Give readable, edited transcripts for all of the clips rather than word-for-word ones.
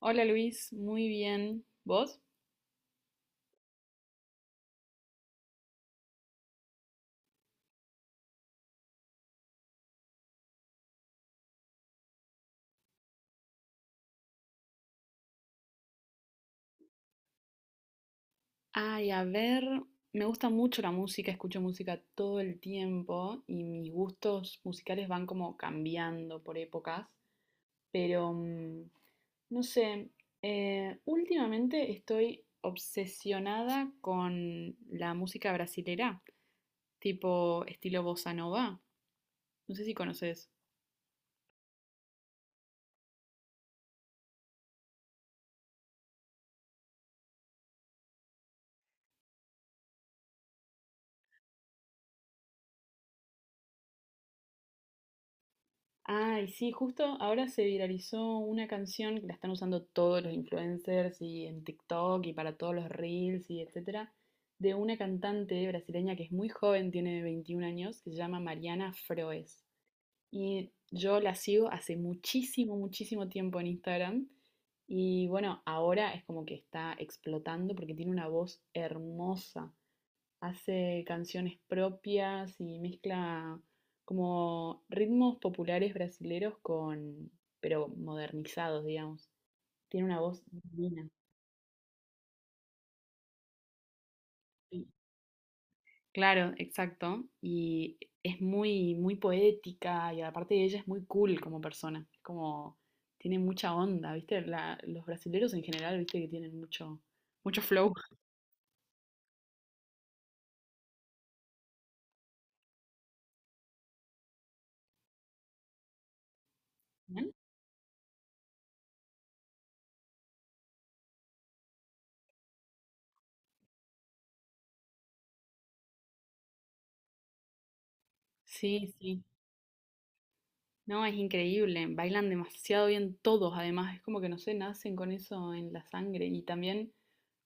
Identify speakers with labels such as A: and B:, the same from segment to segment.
A: Hola Luis, muy bien. ¿Vos? Ay, a ver, me gusta mucho la música, escucho música todo el tiempo y mis gustos musicales van como cambiando por épocas, pero no sé, últimamente estoy obsesionada con la música brasilera, tipo estilo bossa nova. No sé si conoces. Ay, sí, justo ahora se viralizó una canción que la están usando todos los influencers y en TikTok y para todos los reels y etcétera, de una cantante brasileña que es muy joven, tiene 21 años, que se llama Mariana Froes. Y yo la sigo hace muchísimo, muchísimo tiempo en Instagram. Y bueno, ahora es como que está explotando porque tiene una voz hermosa, hace canciones propias y mezcla como ritmos populares brasileros con, pero modernizados, digamos. Tiene una voz divina. Sí. Claro, exacto. Y es muy, muy poética y aparte de ella es muy cool como persona. Es como, tiene mucha onda, ¿viste? Los brasileros en general, ¿viste? Que tienen mucho, mucho flow. Ujú. Sí, sí. No, es increíble, bailan demasiado bien todos, además es como que no sé, nacen con eso en la sangre. Y también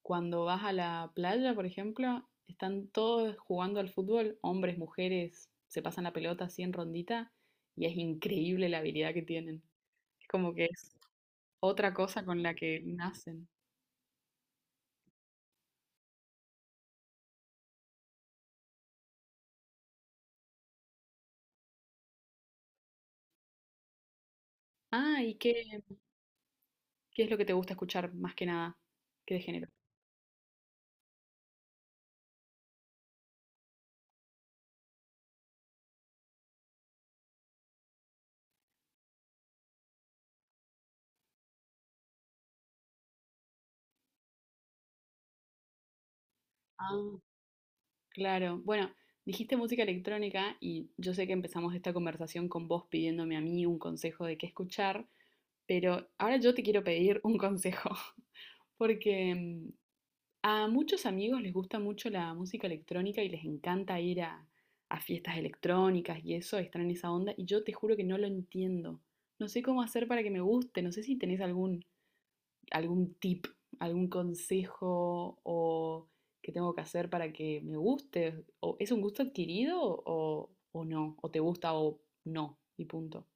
A: cuando vas a la playa, por ejemplo, están todos jugando al fútbol, hombres, mujeres, se pasan la pelota así en rondita y es increíble la habilidad que tienen. Es como que es otra cosa con la que nacen. Ah, ¿y qué, qué es lo que te gusta escuchar más que nada? ¿Qué de género? Ah. Claro, bueno, dijiste música electrónica y yo sé que empezamos esta conversación con vos pidiéndome a mí un consejo de qué escuchar, pero ahora yo te quiero pedir un consejo, porque a muchos amigos les gusta mucho la música electrónica y les encanta ir a fiestas electrónicas y eso, están en esa onda, y yo te juro que no lo entiendo. No sé cómo hacer para que me guste, no sé si tenés algún algún tip, algún consejo o ¿qué tengo que hacer para que me guste? ¿O es un gusto adquirido o no? ¿O te gusta o no? Y punto.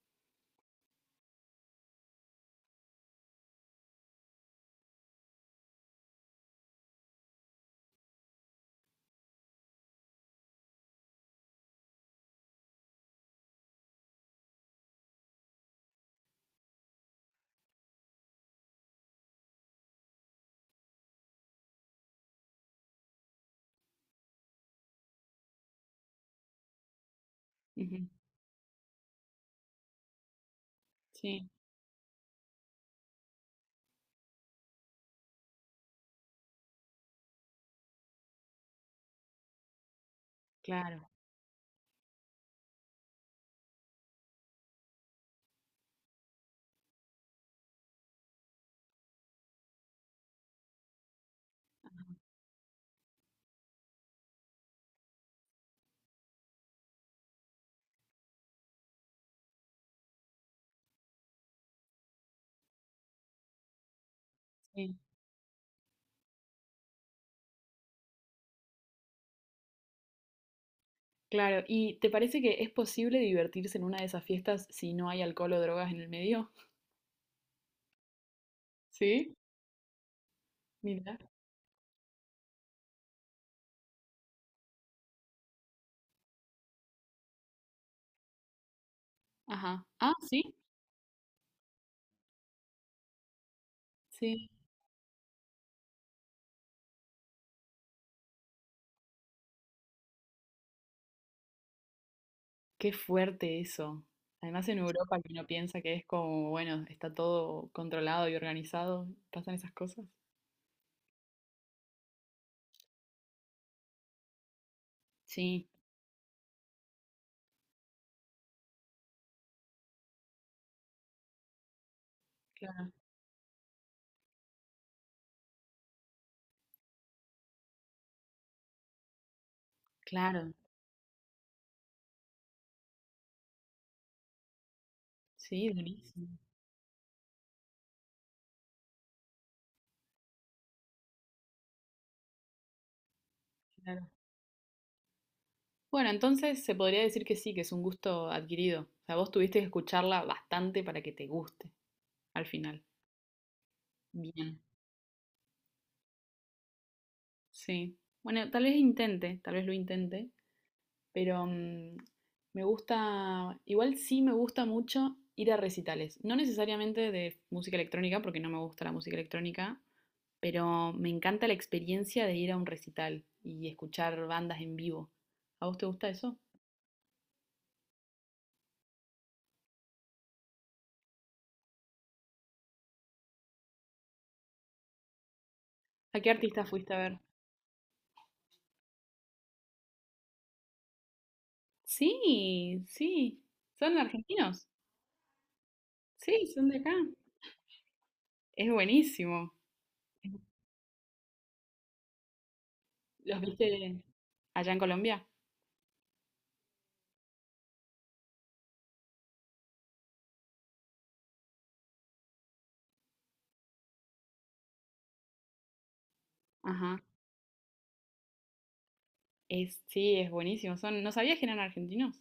A: Ujú. Sí, claro, sí, claro. ¿Y te parece que es posible divertirse en una de esas fiestas si no hay alcohol o drogas en el medio? Sí, mira. Ajá. Ah, sí, sí. Qué fuerte eso. Además en Europa que uno piensa que es como, bueno, está todo controlado y organizado, pasan esas cosas. Sí. Claro, claro, sí, durísimo, claro. Bueno, entonces se podría decir que sí, que es un gusto adquirido. O sea, vos tuviste que escucharla bastante para que te guste al final. Bien, sí. Bueno, tal vez intente, tal vez lo intente, pero me gusta, igual sí me gusta mucho ir a recitales. No necesariamente de música electrónica, porque no me gusta la música electrónica, pero me encanta la experiencia de ir a un recital y escuchar bandas en vivo. ¿A vos te gusta eso? ¿A qué artista fuiste a ver? Sí, sí. ¿Son argentinos? Sí, son de acá. Es buenísimo. ¿Los viste allá en Colombia? Ajá. Es, sí, es buenísimo. Son, no sabía que eran argentinos.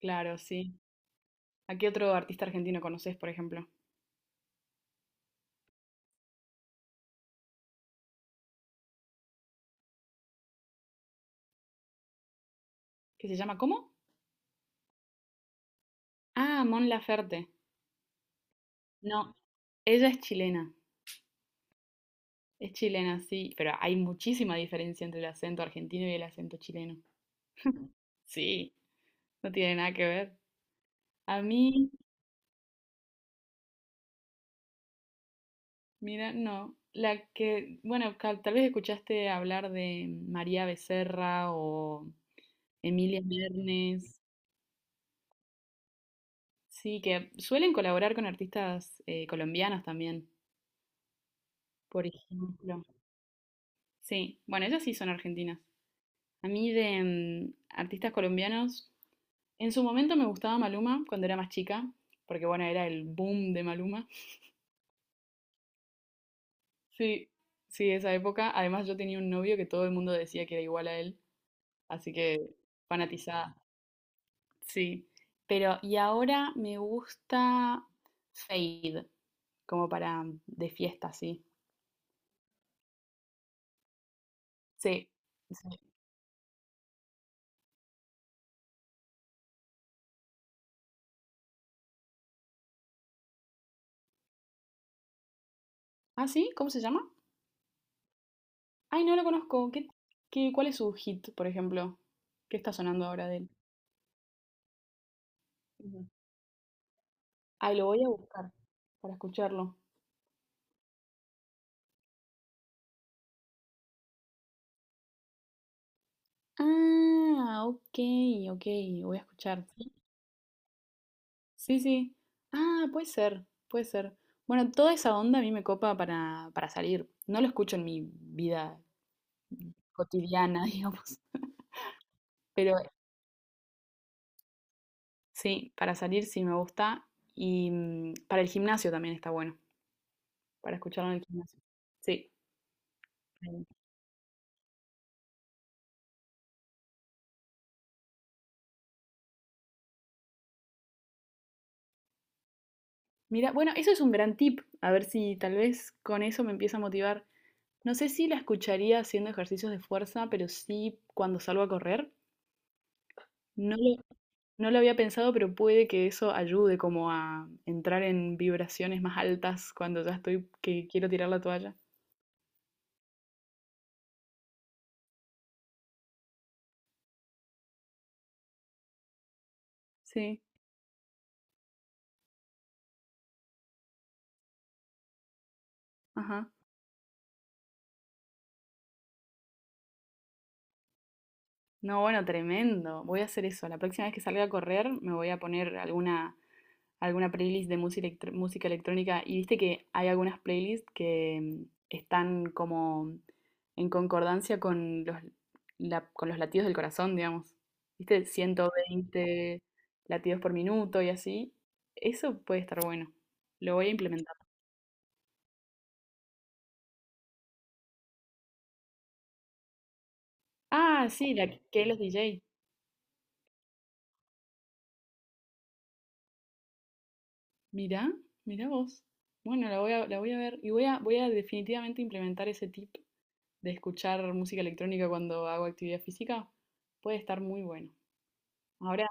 A: Claro, sí. ¿A qué otro artista argentino conoces, por ejemplo? ¿Qué se llama? ¿Cómo? Ah, Mon Laferte. No, ella es chilena. Es chilena, sí. Pero hay muchísima diferencia entre el acento argentino y el acento chileno. Sí, no tiene nada que ver. A mí mira, no. La que, bueno, tal vez escuchaste hablar de María Becerra o Emilia Mernes. Sí, que suelen colaborar con artistas colombianos también, por ejemplo. Sí, bueno, ellas sí son argentinas. A mí de artistas colombianos, en su momento me gustaba Maluma cuando era más chica, porque bueno, era el boom de Maluma. Sí, sí, esa época. Además yo tenía un novio que todo el mundo decía que era igual a él, así que fanatizada. Sí, pero y ahora me gusta Fade, como para de fiesta, sí. Sí, sí. ¿Ah, sí? ¿Cómo se llama? Ay, no lo conozco. ¿Qué, cuál es su hit, por ejemplo? ¿Qué está sonando ahora de él? Ujú. Ay, lo voy a buscar para escucharlo. Ah, ok, ok, voy a escuchar. Sí, sí, sí. Ah, puede ser, puede ser. Bueno, toda esa onda a mí me copa para salir. No lo escucho en mi vida cotidiana, digamos. Pero sí, para salir sí me gusta. Y para el gimnasio también está bueno, para escucharlo en el gimnasio. Sí. Mm. Mira, bueno, eso es un gran tip. A ver si tal vez con eso me empieza a motivar. No sé si la escucharía haciendo ejercicios de fuerza, pero sí cuando salgo a correr. No lo, no lo había pensado, pero puede que eso ayude como a entrar en vibraciones más altas cuando ya estoy que quiero tirar la toalla. Sí, ajá. No, bueno, tremendo. Voy a hacer eso. La próxima vez que salga a correr me voy a poner alguna, alguna playlist de música, música electrónica. Y viste que hay algunas playlists que están como en concordancia con los, con los latidos del corazón, digamos. Viste, 120 latidos por minuto y así. Eso puede estar bueno. Lo voy a implementar. Ah, sí, la que los DJ. Mirá, mirá vos. La voy a ver y voy a definitivamente implementar ese tip de escuchar música electrónica cuando hago actividad física. Puede estar muy bueno. Ahora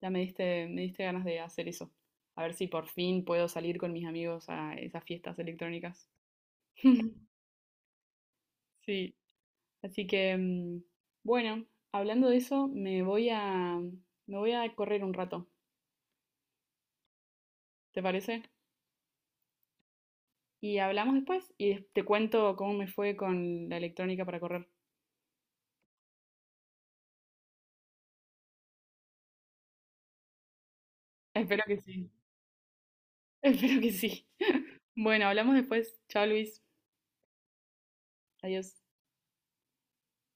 A: me diste ganas de hacer eso. A ver si por fin puedo salir con mis amigos a esas fiestas electrónicas. Sí, así que bueno, hablando de eso, me voy a correr un rato, ¿te parece? Y hablamos después y te cuento cómo me fue con la electrónica para correr. Espero que sí. Espero que sí. Bueno, hablamos después. Chao, Luis. Adiós.